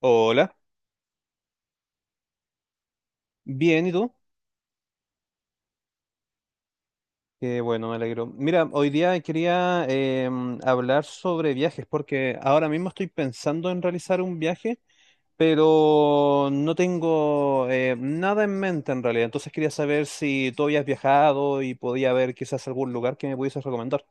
Hola, bien, ¿y tú? Qué bueno, me alegro. Mira, hoy día quería hablar sobre viajes porque ahora mismo estoy pensando en realizar un viaje, pero no tengo nada en mente en realidad. Entonces quería saber si tú habías viajado y podía haber quizás algún lugar que me pudieses recomendar.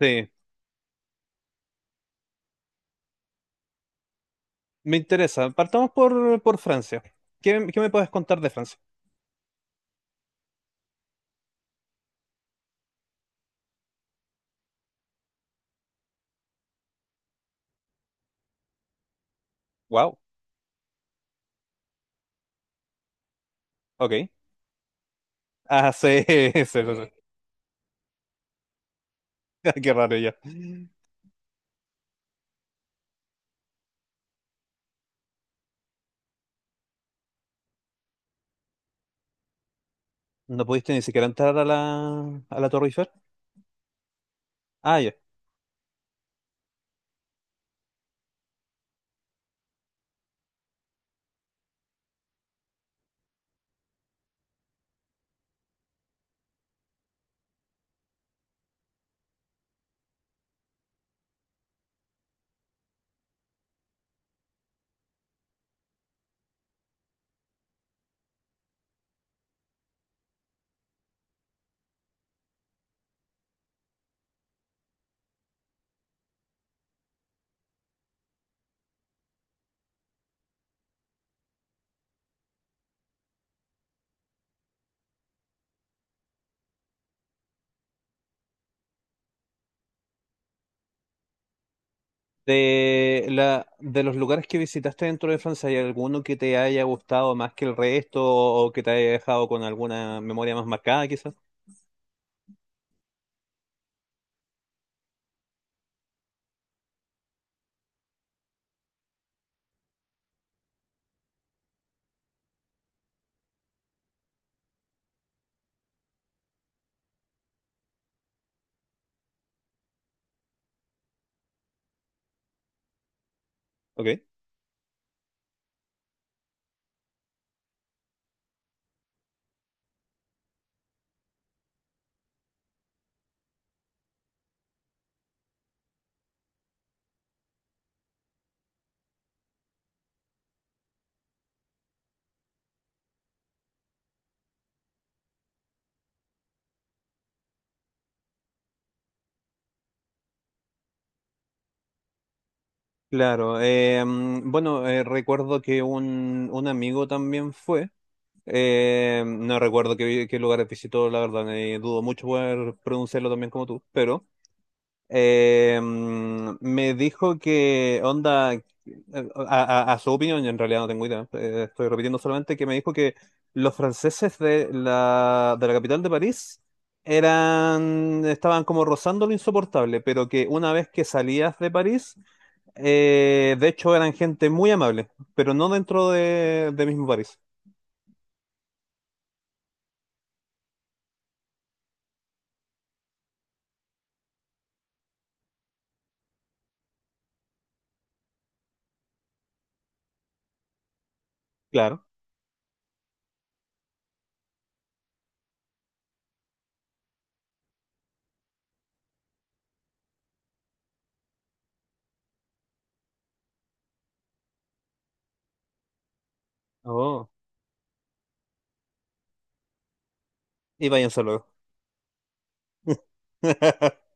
Sí, me interesa. Partamos por Francia. ¿Qué me puedes contar de Francia? Wow, ok. Ah, sí, sí, sí, sí. Qué raro ya. No pudiste ni siquiera entrar a la Torre Eiffel. Ah, ya. De los lugares que visitaste dentro de Francia, ¿hay alguno que te haya gustado más que el resto o que te haya dejado con alguna memoria más marcada, quizás? Ok. Claro. Bueno, recuerdo que un amigo también fue. No recuerdo qué lugares visitó, la verdad, dudo mucho poder pronunciarlo también como tú, pero me dijo que onda, a su opinión, yo en realidad no tengo idea, estoy repitiendo solamente que me dijo que los franceses de la capital de París eran, estaban como rozando lo insoportable, pero que una vez que salías de París, de hecho eran gente muy amable, pero no dentro de mismo París. Claro. Oh. Y váyanse luego.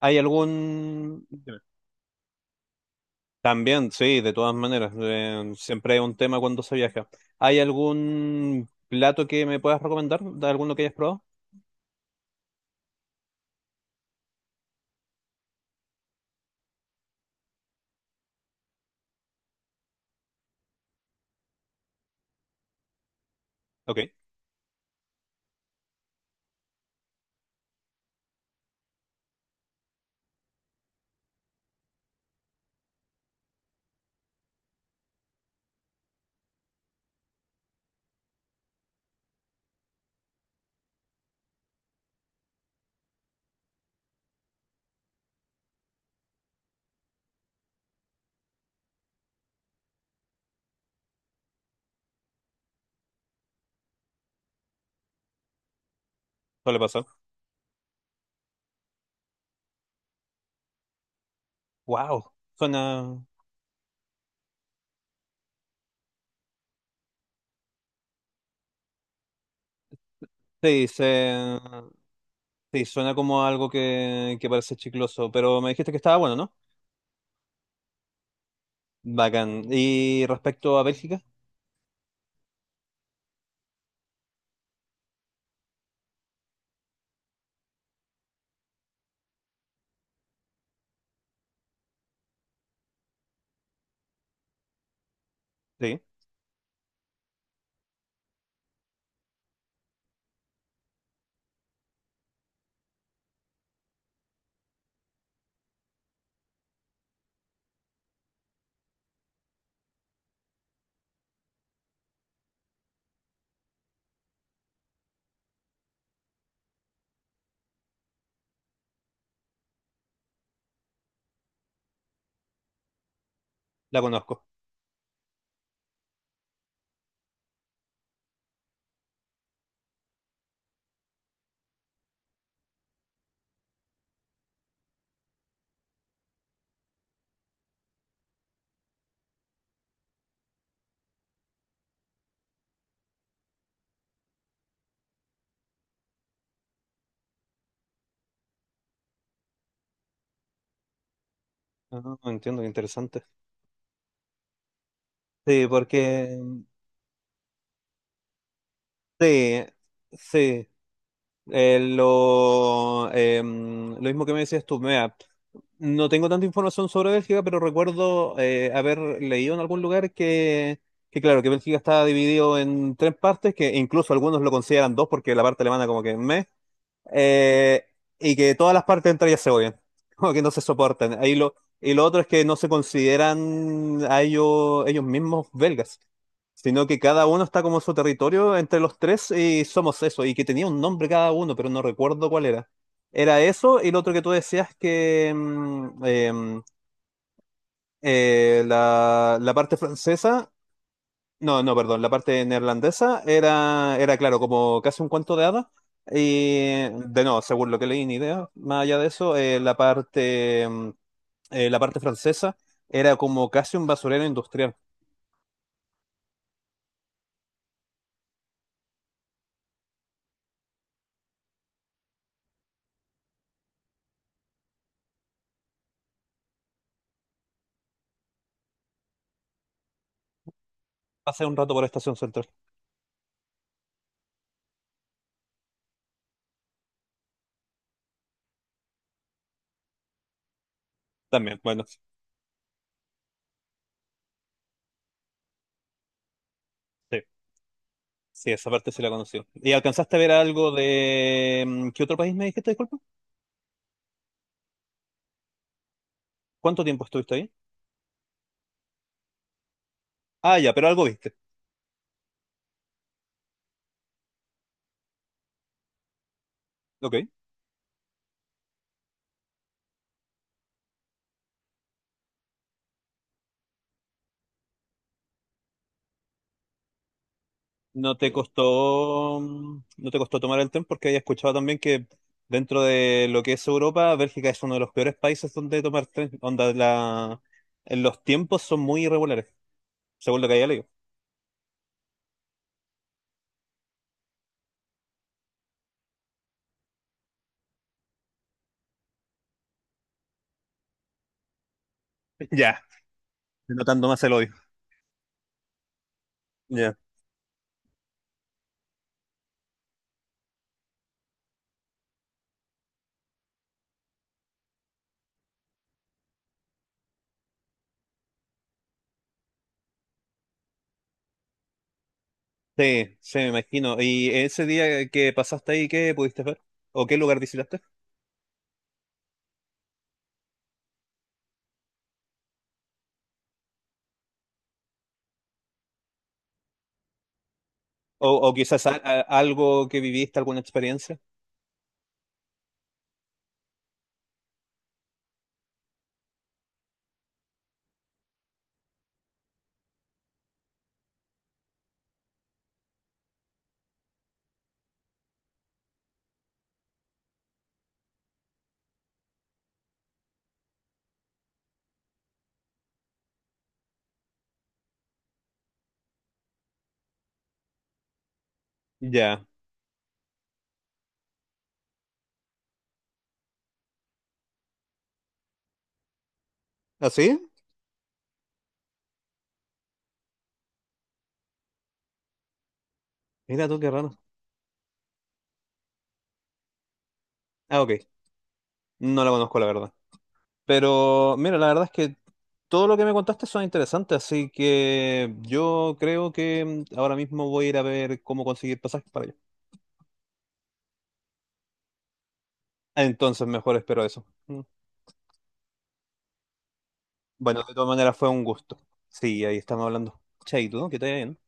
¿Hay algún... También, sí, de todas maneras, siempre es un tema cuando se viaja. ¿Hay algún plato que me puedas recomendar? ¿De alguno que hayas probado? Ok, suele pasar. Wow, suena... Sí, sí, suena como algo que parece chicloso, pero me dijiste que estaba bueno, ¿no? Bacán. ¿Y respecto a Bélgica? Sí, la conozco. Ah, entiendo, qué interesante. Sí, porque... Sí, sí. Lo mismo que me decías tú, mira, no tengo tanta información sobre Bélgica, pero recuerdo haber leído en algún lugar claro, que Bélgica está dividido en tres partes, que incluso algunos lo consideran dos porque la parte alemana como que meh, eh, y que todas las partes entre ellas se odian, como que no se soportan. Ahí lo, y lo otro es que no se consideran a ellos, ellos mismos belgas, sino que cada uno está como en su territorio entre los tres y somos eso, y que tenía un nombre cada uno, pero no recuerdo cuál era. Era eso y lo otro que tú decías que la, la parte francesa no, perdón, la parte neerlandesa era claro, como casi un cuento de hadas. Y de no, según lo que leí, ni idea. Más allá de eso, la la parte francesa era como casi un basurero industrial. Pasé un rato por Estación Central. También, bueno, sí, sí, esa parte sí la conocí. ¿Y alcanzaste a ver algo de... mm, ¿Qué otro país me dijiste, disculpa? ¿Cuánto tiempo estuviste ahí? Ah, ya, pero algo viste. Ok. No te costó, no te costó tomar el tren porque había escuchado también que dentro de lo que es Europa, Bélgica es uno de los peores países donde tomar tren, onda la, los tiempos son muy irregulares, según lo que había leído. Ya. Notando más el odio. Ya. Sí, sí, me imagino. ¿Y ese día que pasaste ahí, qué pudiste ver? ¿O qué lugar visitaste? O quizás algo que viviste, alguna experiencia? Ya. ¿Así? Mira tú, qué raro. Ah, ok. No la conozco, la verdad. Pero mira, la verdad es que todo lo que me contaste son interesantes, así que yo creo que ahora mismo voy a ir a ver cómo conseguir pasajes para allá. Entonces, mejor espero eso. Mm. Bueno, de todas maneras fue un gusto. Sí, ahí estamos hablando. Chaito, ¿no? que te vaya bien.